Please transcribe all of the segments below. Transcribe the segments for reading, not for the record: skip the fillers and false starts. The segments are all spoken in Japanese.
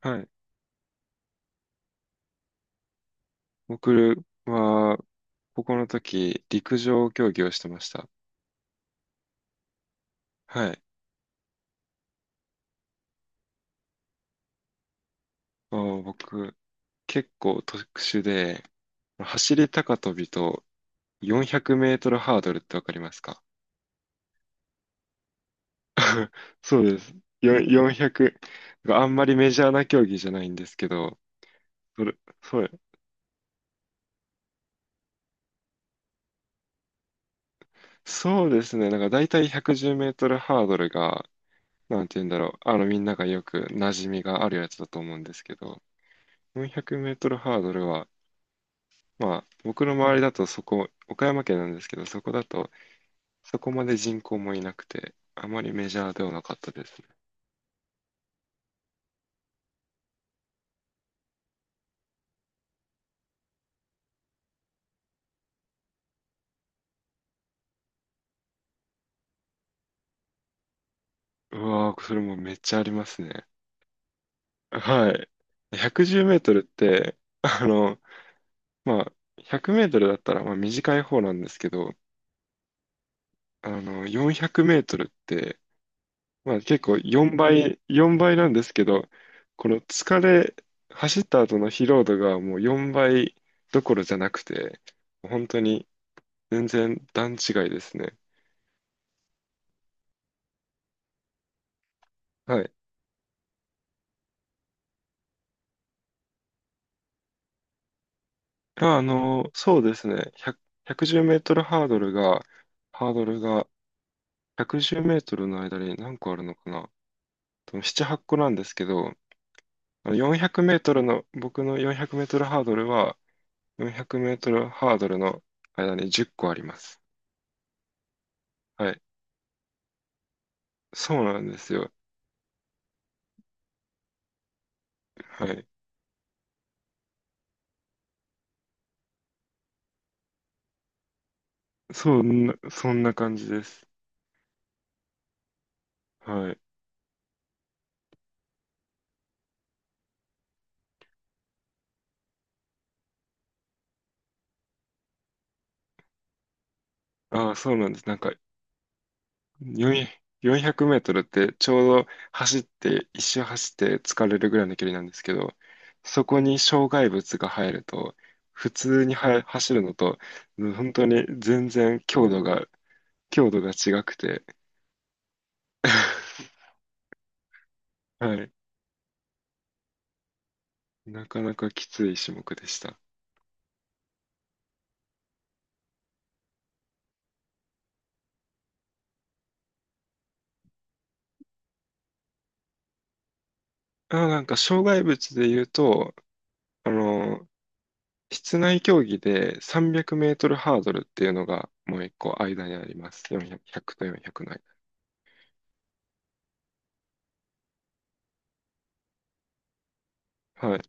はい。僕は、高校の時、陸上競技をしてました。はい。僕、結構特殊で、走り高跳びと400メートルハードルってわかりますか？ そうです。400、よんひゃくあんまりメジャーな競技じゃないんですけど、それ、そう、そうですね。なんか大体110メートルハードルが、なんて言うんだろう。みんながよく馴染みがあるやつだと思うんですけど、400メートルハードルは、まあ、僕の周りだとそこ、岡山県なんですけど、そこだと、そこまで人口もいなくて、あまりメジャーではなかったですね。うわー、それもめっちゃありますね。はい。110メートルって、まあ、100メートルだったらまあ短い方なんですけど、400メートルって、まあ結構4倍なんですけど、この疲れ、走った後の疲労度がもう4倍どころじゃなくて、本当に全然段違いですね。はい。そうですね。100、1 0メートルハードルが、ハードルが110メートルの間に何個あるのかな。多分7、8個なんですけど、よんひゃくメートルの、僕の400メートルハードルは、400メートルハードルの間に10個あります。はい。そうなんですよ。はい。そんな感じです。はい。ああ、そうなんです。なんか400 4メートルってちょうど走って、一周走って疲れるぐらいの距離なんですけど、そこに障害物が入ると、普通には走るのと、本当に全然強度が違くて、はい。なかなかきつい種目でした。あ、なんか障害物で言うと、あの、室内競技で300メートルハードルっていうのがもう一個間にあります。400と400の間。はい。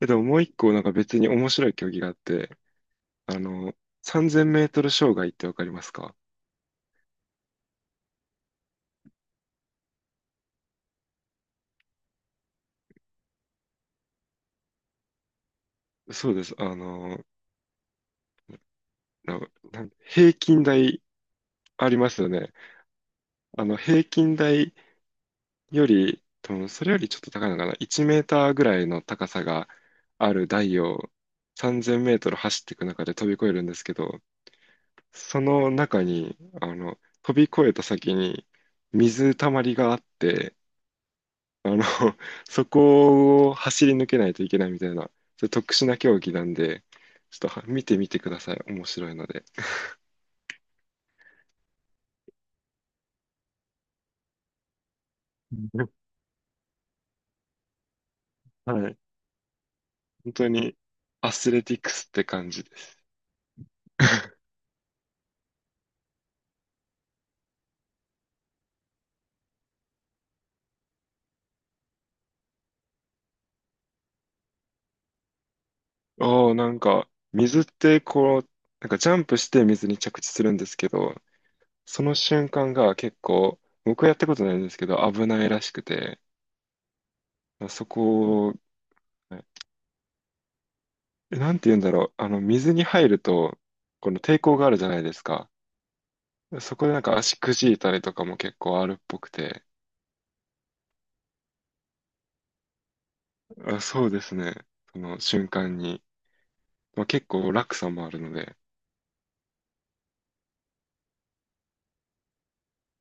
え、でももう一個なんか別に面白い競技があって、あの、3000メートル障害ってわかりますか？そうです。あの、な、なん平均台ありますよね。平均台より、多分それよりちょっと高いのかな。1メーターぐらいの高さがある台を3000メートル走っていく中で飛び越えるんですけど、その中に、飛び越えた先に水たまりがあって、あの、そこを走り抜けないといけないみたいな、ちょっと特殊な競技なんで、ちょっとは見てみてください。面白いので。うん、はい。本当にアスレティックスって感じです。ああ、なんか、水ってこう、なんかジャンプして水に着地するんですけど、その瞬間が結構、僕はやったことないんですけど、危ないらしくて、そこを、えなんて言うんだろう。水に入ると、この抵抗があるじゃないですか。そこでなんか足くじいたりとかも結構あるっぽくて、あ、そうですね。その瞬間に。まあ、結構落差もあるので。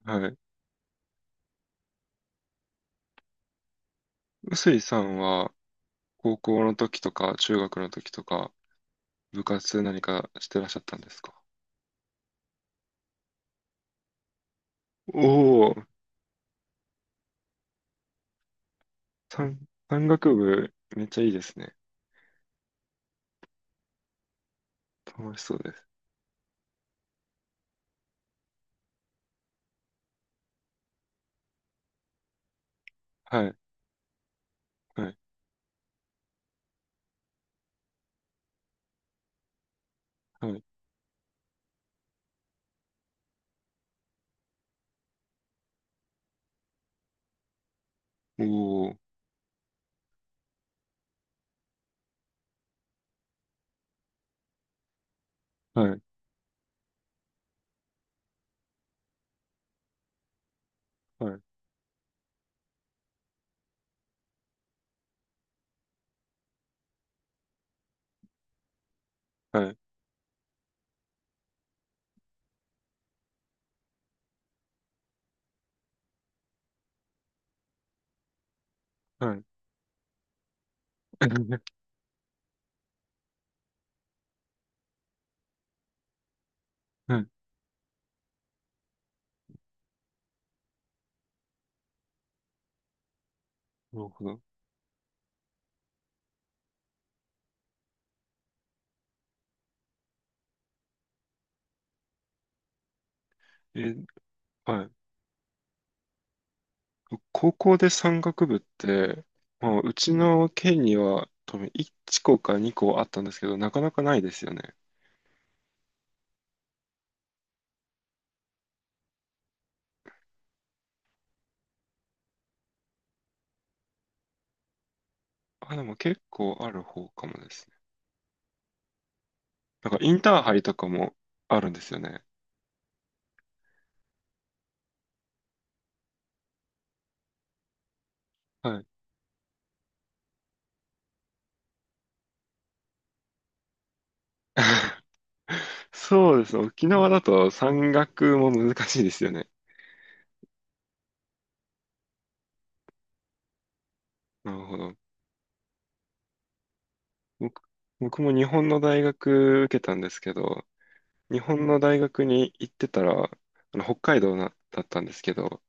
はい。臼井さんは高校の時とか中学の時とか部活何かしてらっしゃったんですか？おおー、山、山岳部めっちゃいいですね。楽しそうです。はい、はい、はい。おお、はい、はい、はい、はい。はい、なるほど。え、はい。高校で山岳部って、まあ、うちの県には多分1校か2校あったんですけど、なかなかないですよね。あ、でも結構ある方かもですね。なんかインターハイとかもあるんですよね。はい。そうですね。沖縄だと山岳も難しいですよね。なるほど。僕、僕も日本の大学受けたんですけど、日本の大学に行ってたら、あの北海道なだったんですけど、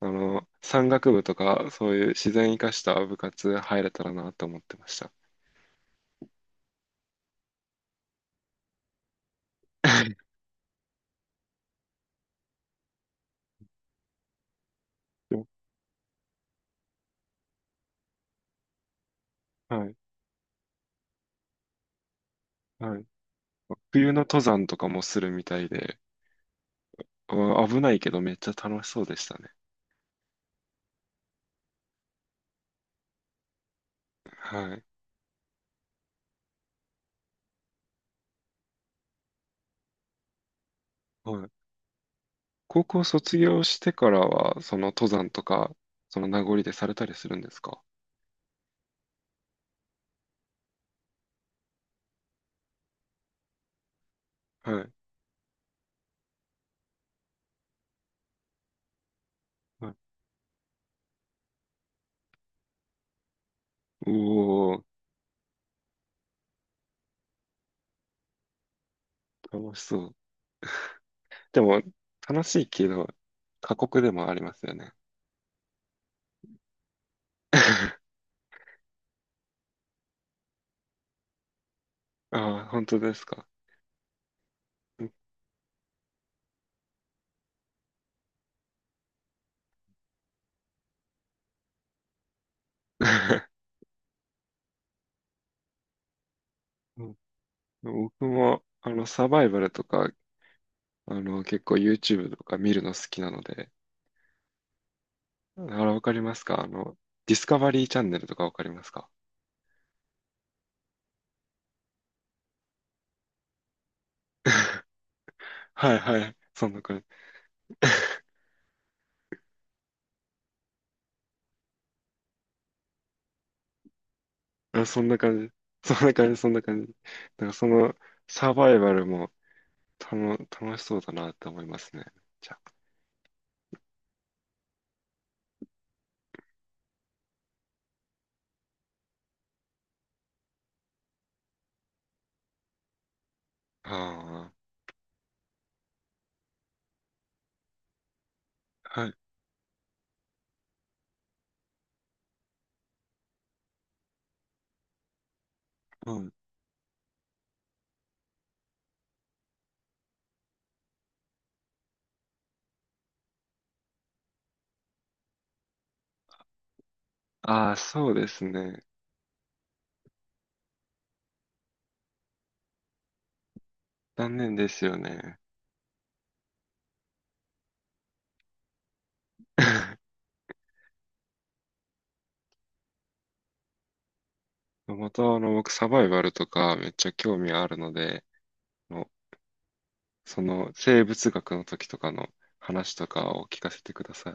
山岳部とか、そういう自然生かした部活入れたらなと思ってました。はい、はい。冬の登山とかもするみたいで、危ないけどめっちゃ楽しそうでしたね。はい、はい。高校卒業してからは、その登山とか、その名残でされたりするんですか？はい、はい。おお、楽しそう。でも、楽しいけど、過酷でもありますよね。ああ、本当ですか。うん。 僕も、サバイバルとか、結構 YouTube とか見るの好きなので、あら、わかりますか？ディスカバリーチャンネルとかわかりますか？ はいはい。そんな感じ。あ、そんな感じ。そんな感じ、そんな感じ。だからその、サバイバルも、楽しそうだなって思いますね。じゃあ。ああ、はい。うん。ああ、そうですね。残念ですよね。また、僕、サバイバルとかめっちゃ興味あるので、あのその生物学の時とかの話とかを聞かせてください。